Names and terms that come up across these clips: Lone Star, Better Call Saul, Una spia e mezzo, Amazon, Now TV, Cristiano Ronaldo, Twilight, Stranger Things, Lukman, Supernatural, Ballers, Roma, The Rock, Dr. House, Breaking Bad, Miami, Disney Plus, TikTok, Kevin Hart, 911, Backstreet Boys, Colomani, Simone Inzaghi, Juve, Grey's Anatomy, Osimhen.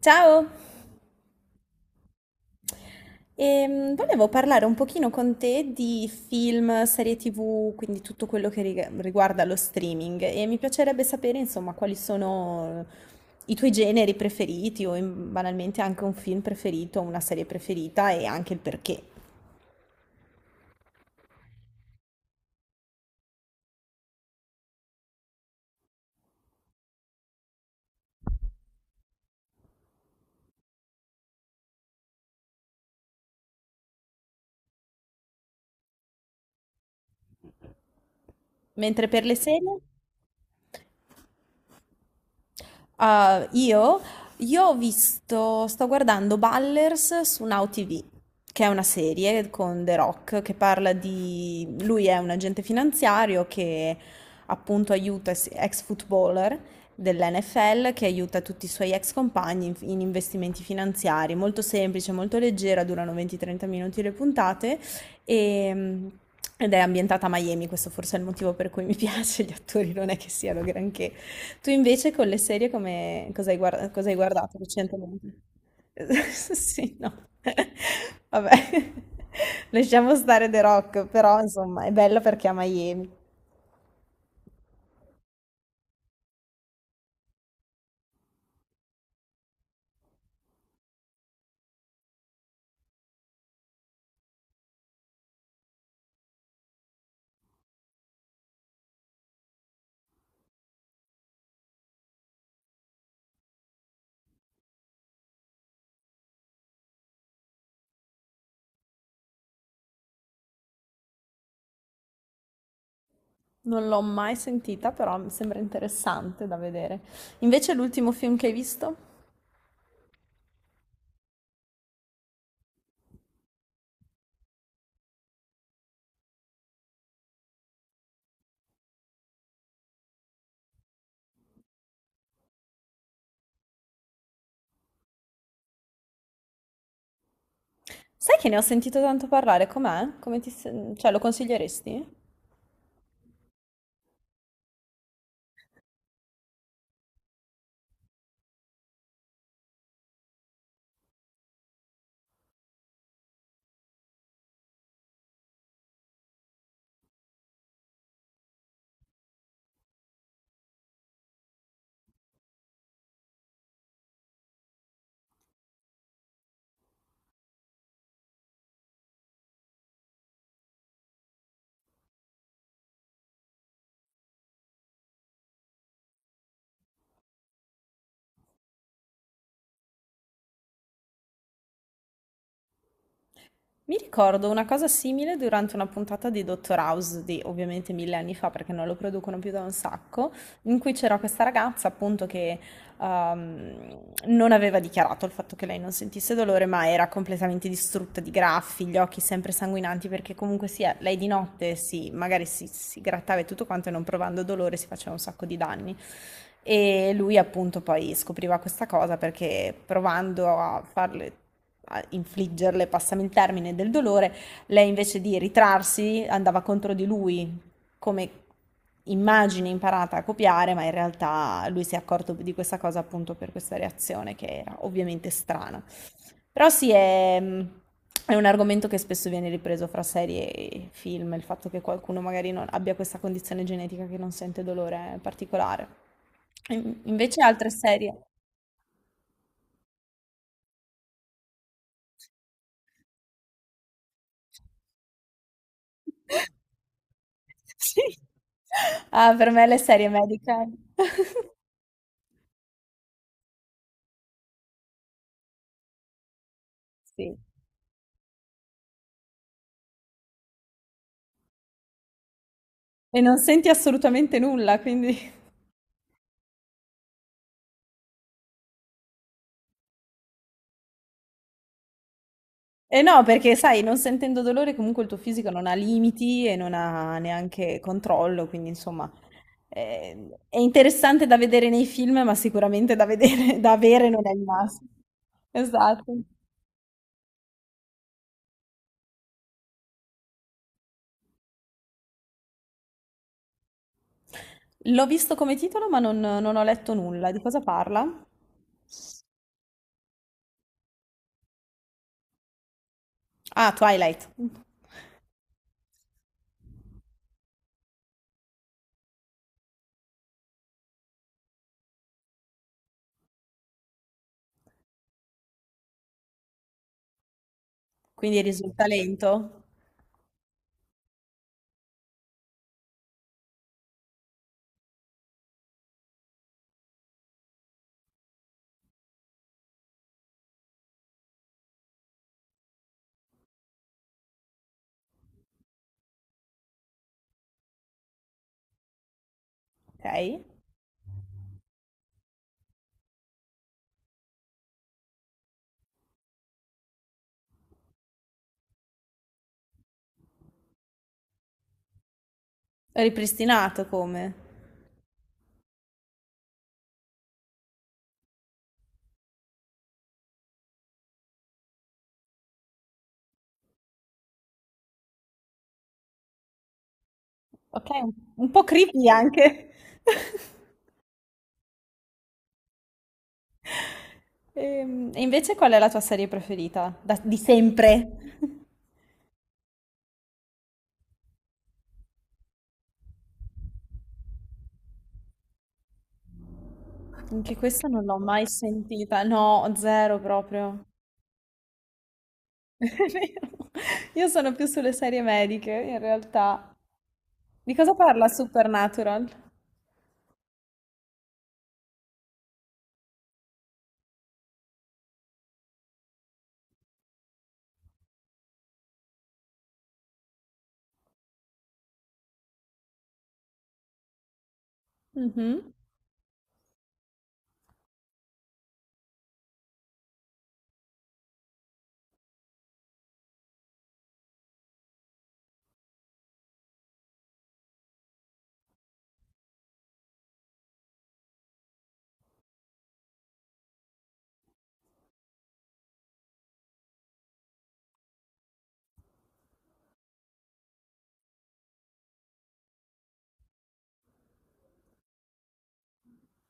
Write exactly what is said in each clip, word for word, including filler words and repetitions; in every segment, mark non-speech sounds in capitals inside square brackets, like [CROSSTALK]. Ciao. Ehm, volevo parlare un pochino con te di film, serie ti vu, quindi tutto quello che riga- riguarda lo streaming e mi piacerebbe sapere, insomma, quali sono eh, i tuoi generi preferiti o in- banalmente anche un film preferito, una serie preferita e anche il perché. Mentre per le serie? Ah, io, io ho visto, sto guardando Ballers su Now ti vu, che è una serie con The Rock che parla di... Lui è un agente finanziario che appunto aiuta es- ex footballer dell'enne effe elle, che aiuta tutti i suoi ex compagni in, in investimenti finanziari. Molto semplice, molto leggera, durano venti trenta minuti le puntate e- Ed è ambientata a Miami, questo forse è il motivo per cui mi [LAUGHS] piace, gli attori non è che siano granché. Tu invece con le serie come cosa hai guarda- cosa hai guardato recentemente? [LAUGHS] Sì, no. [LAUGHS] Vabbè, [LAUGHS] lasciamo stare The Rock, però insomma è bella perché è a Miami. Non l'ho mai sentita, però mi sembra interessante da vedere. Invece l'ultimo film che hai visto? Sai che ne ho sentito tanto parlare, com'è? Come ti... se- cioè, lo consiglieresti? Mi ricordo una cosa simile durante una puntata di dottor House di ovviamente mille anni fa, perché non lo producono più da un sacco, in cui c'era questa ragazza appunto che ehm, non aveva dichiarato il fatto che lei non sentisse dolore, ma era completamente distrutta di graffi, gli occhi sempre sanguinanti, perché comunque sia, lei di notte si, magari si, si grattava e tutto quanto e non provando dolore si faceva un sacco di danni. E lui appunto poi scopriva questa cosa perché provando a farle a infliggerle, passami il termine, del dolore, lei invece di ritrarsi andava contro di lui come immagine imparata a copiare, ma in realtà lui si è accorto di questa cosa appunto per questa reazione che era ovviamente strana. Però sì, è, è un argomento che spesso viene ripreso fra serie e film, il fatto che qualcuno magari non abbia questa condizione genetica che non sente dolore particolare. In- Invece altre serie. Sì. Ah, per me le serie medical. [LAUGHS] Sì. E non senti assolutamente nulla, quindi eh no, perché sai, non sentendo dolore comunque il tuo fisico non ha limiti e non ha neanche controllo, quindi insomma ehm, è interessante da vedere nei film, ma sicuramente da vedere [LAUGHS] da avere non è il massimo. Esatto. L'ho visto come titolo, ma non, non ho letto nulla. Di cosa parla? Ah, Twilight. Quindi risulta lento. Ok. Ripristinato come? Ok, un un po' creepy anche. [LAUGHS] Ehm, E invece qual è la tua serie preferita? Da- di sempre? [LAUGHS] Anche questa non l'ho mai sentita. No, zero proprio. [LAUGHS] È vero. Io sono più sulle serie mediche, in realtà. Di cosa parla Supernatural? Mhm.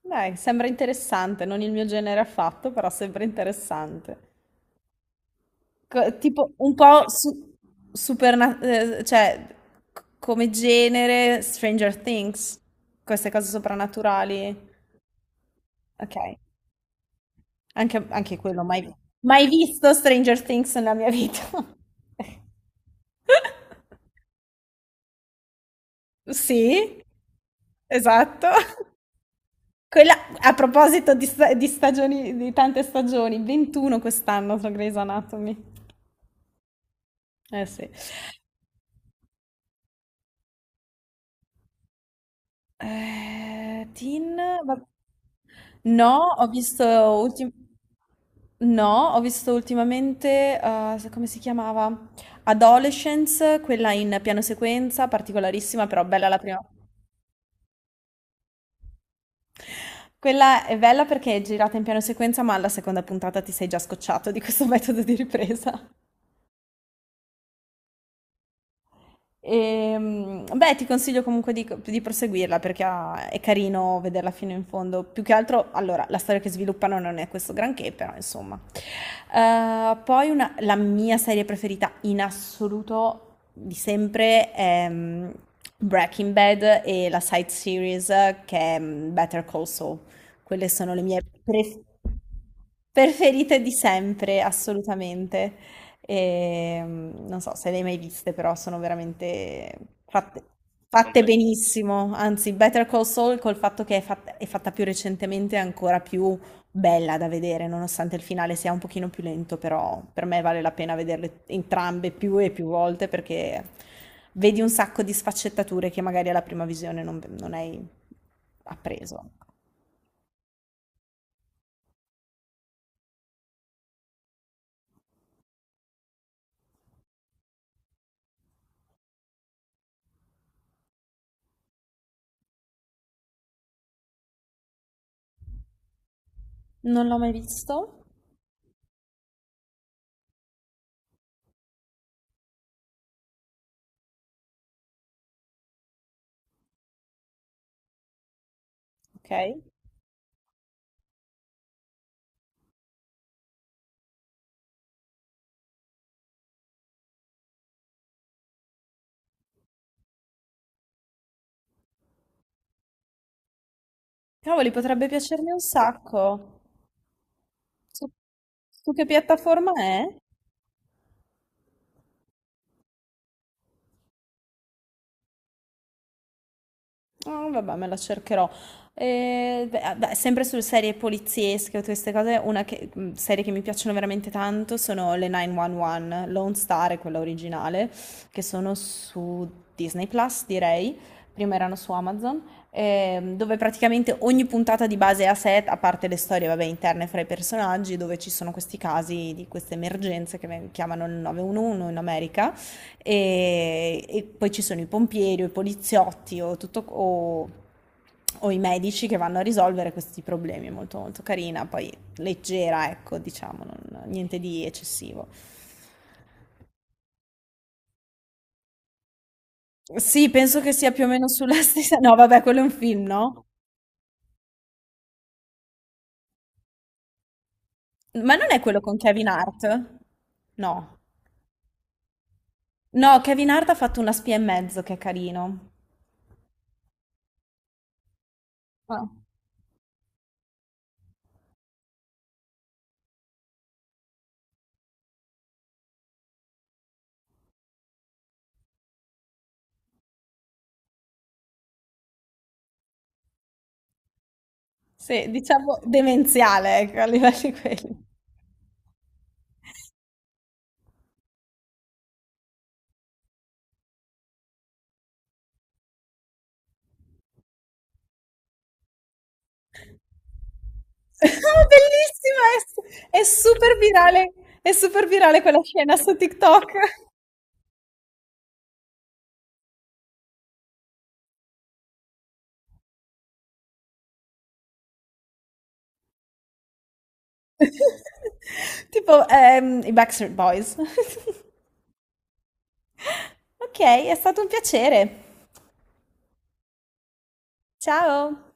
Dai, sembra interessante, non il mio genere affatto, però sembra interessante. Co- tipo un po' su- superna- eh, cioè c- come genere Stranger Things, queste cose soprannaturali. Ok, anche, anche quello, mai, mai visto Stranger Things nella mia vita. [LAUGHS] Sì, esatto. Quella, a proposito di, sta- di stagioni, di tante stagioni, ventuno quest'anno su Grey's Anatomy. Eh sì. Ehm, Teen, va- no, ho visto ultim- no, ho visto ultimamente, eh, se- come si chiamava? Adolescence, quella in piano sequenza, particolarissima, però bella la prima. Quella è bella perché è girata in piano sequenza, ma alla seconda puntata ti sei già scocciato di questo [LAUGHS] metodo di ripresa. Ehm, beh, ti consiglio comunque di, di proseguirla perché ha- è carino vederla fino in fondo. Più che altro, allora, la storia che sviluppano non è questo granché, però insomma. Eh, poi una- la mia serie preferita in assoluto di sempre è mm, Breaking Bad e la side series eh, che è mm, Better Call Saul. Quelle sono le mie pref- preferite di sempre, assolutamente. E, mm, non so se le hai mai viste, però sono veramente fatte, Non fatte le- benissimo. Anzi, Better Call Saul, col fatto che è fatta, è fatta più recentemente, è ancora più bella da vedere, nonostante il finale sia un pochino più lento, però per me vale la pena vederle entrambe più e più volte perché vedi un sacco di sfaccettature che magari alla prima visione non, non hai appreso. Non l'ho mai visto? Ok. Cavoli, potrebbe piacermi un sacco. Su, Su che piattaforma è? Ah, vabbè, me la cercherò. Eh, beh, ah, beh, sempre su serie poliziesche o queste cose, una che- mh, serie che mi piacciono veramente tanto sono le nove uno uno, Lone Star è quella originale, che sono su Disney Plus, direi. Prima erano su Amazon, ehm, dove praticamente ogni puntata di base è a set, a parte le storie, vabbè, interne fra i personaggi, dove ci sono questi casi di queste emergenze che ven- chiamano il nove uno uno in America. E, e poi ci sono i pompieri o i poliziotti o, tutto, o, o i medici che vanno a risolvere questi problemi. È molto, molto carina, poi leggera, ecco, diciamo, non- niente di eccessivo. Sì, penso che sia più o meno sulla [LAUGHS] stessa. No, vabbè, quello è un film, no? Ma non è quello con Kevin Hart? No. No, Kevin Hart ha fatto Una spia e mezzo, che è carino. Ah. Sì, diciamo demenziale, ecco, a livello di quelli. [LAUGHS] Bellissima, è, è super virale, è super virale quella scena su TikTok. [LAUGHS] Tipo, ehm, i Backstreet Boys. [LAUGHS] Ok, è stato un piacere. Ciao.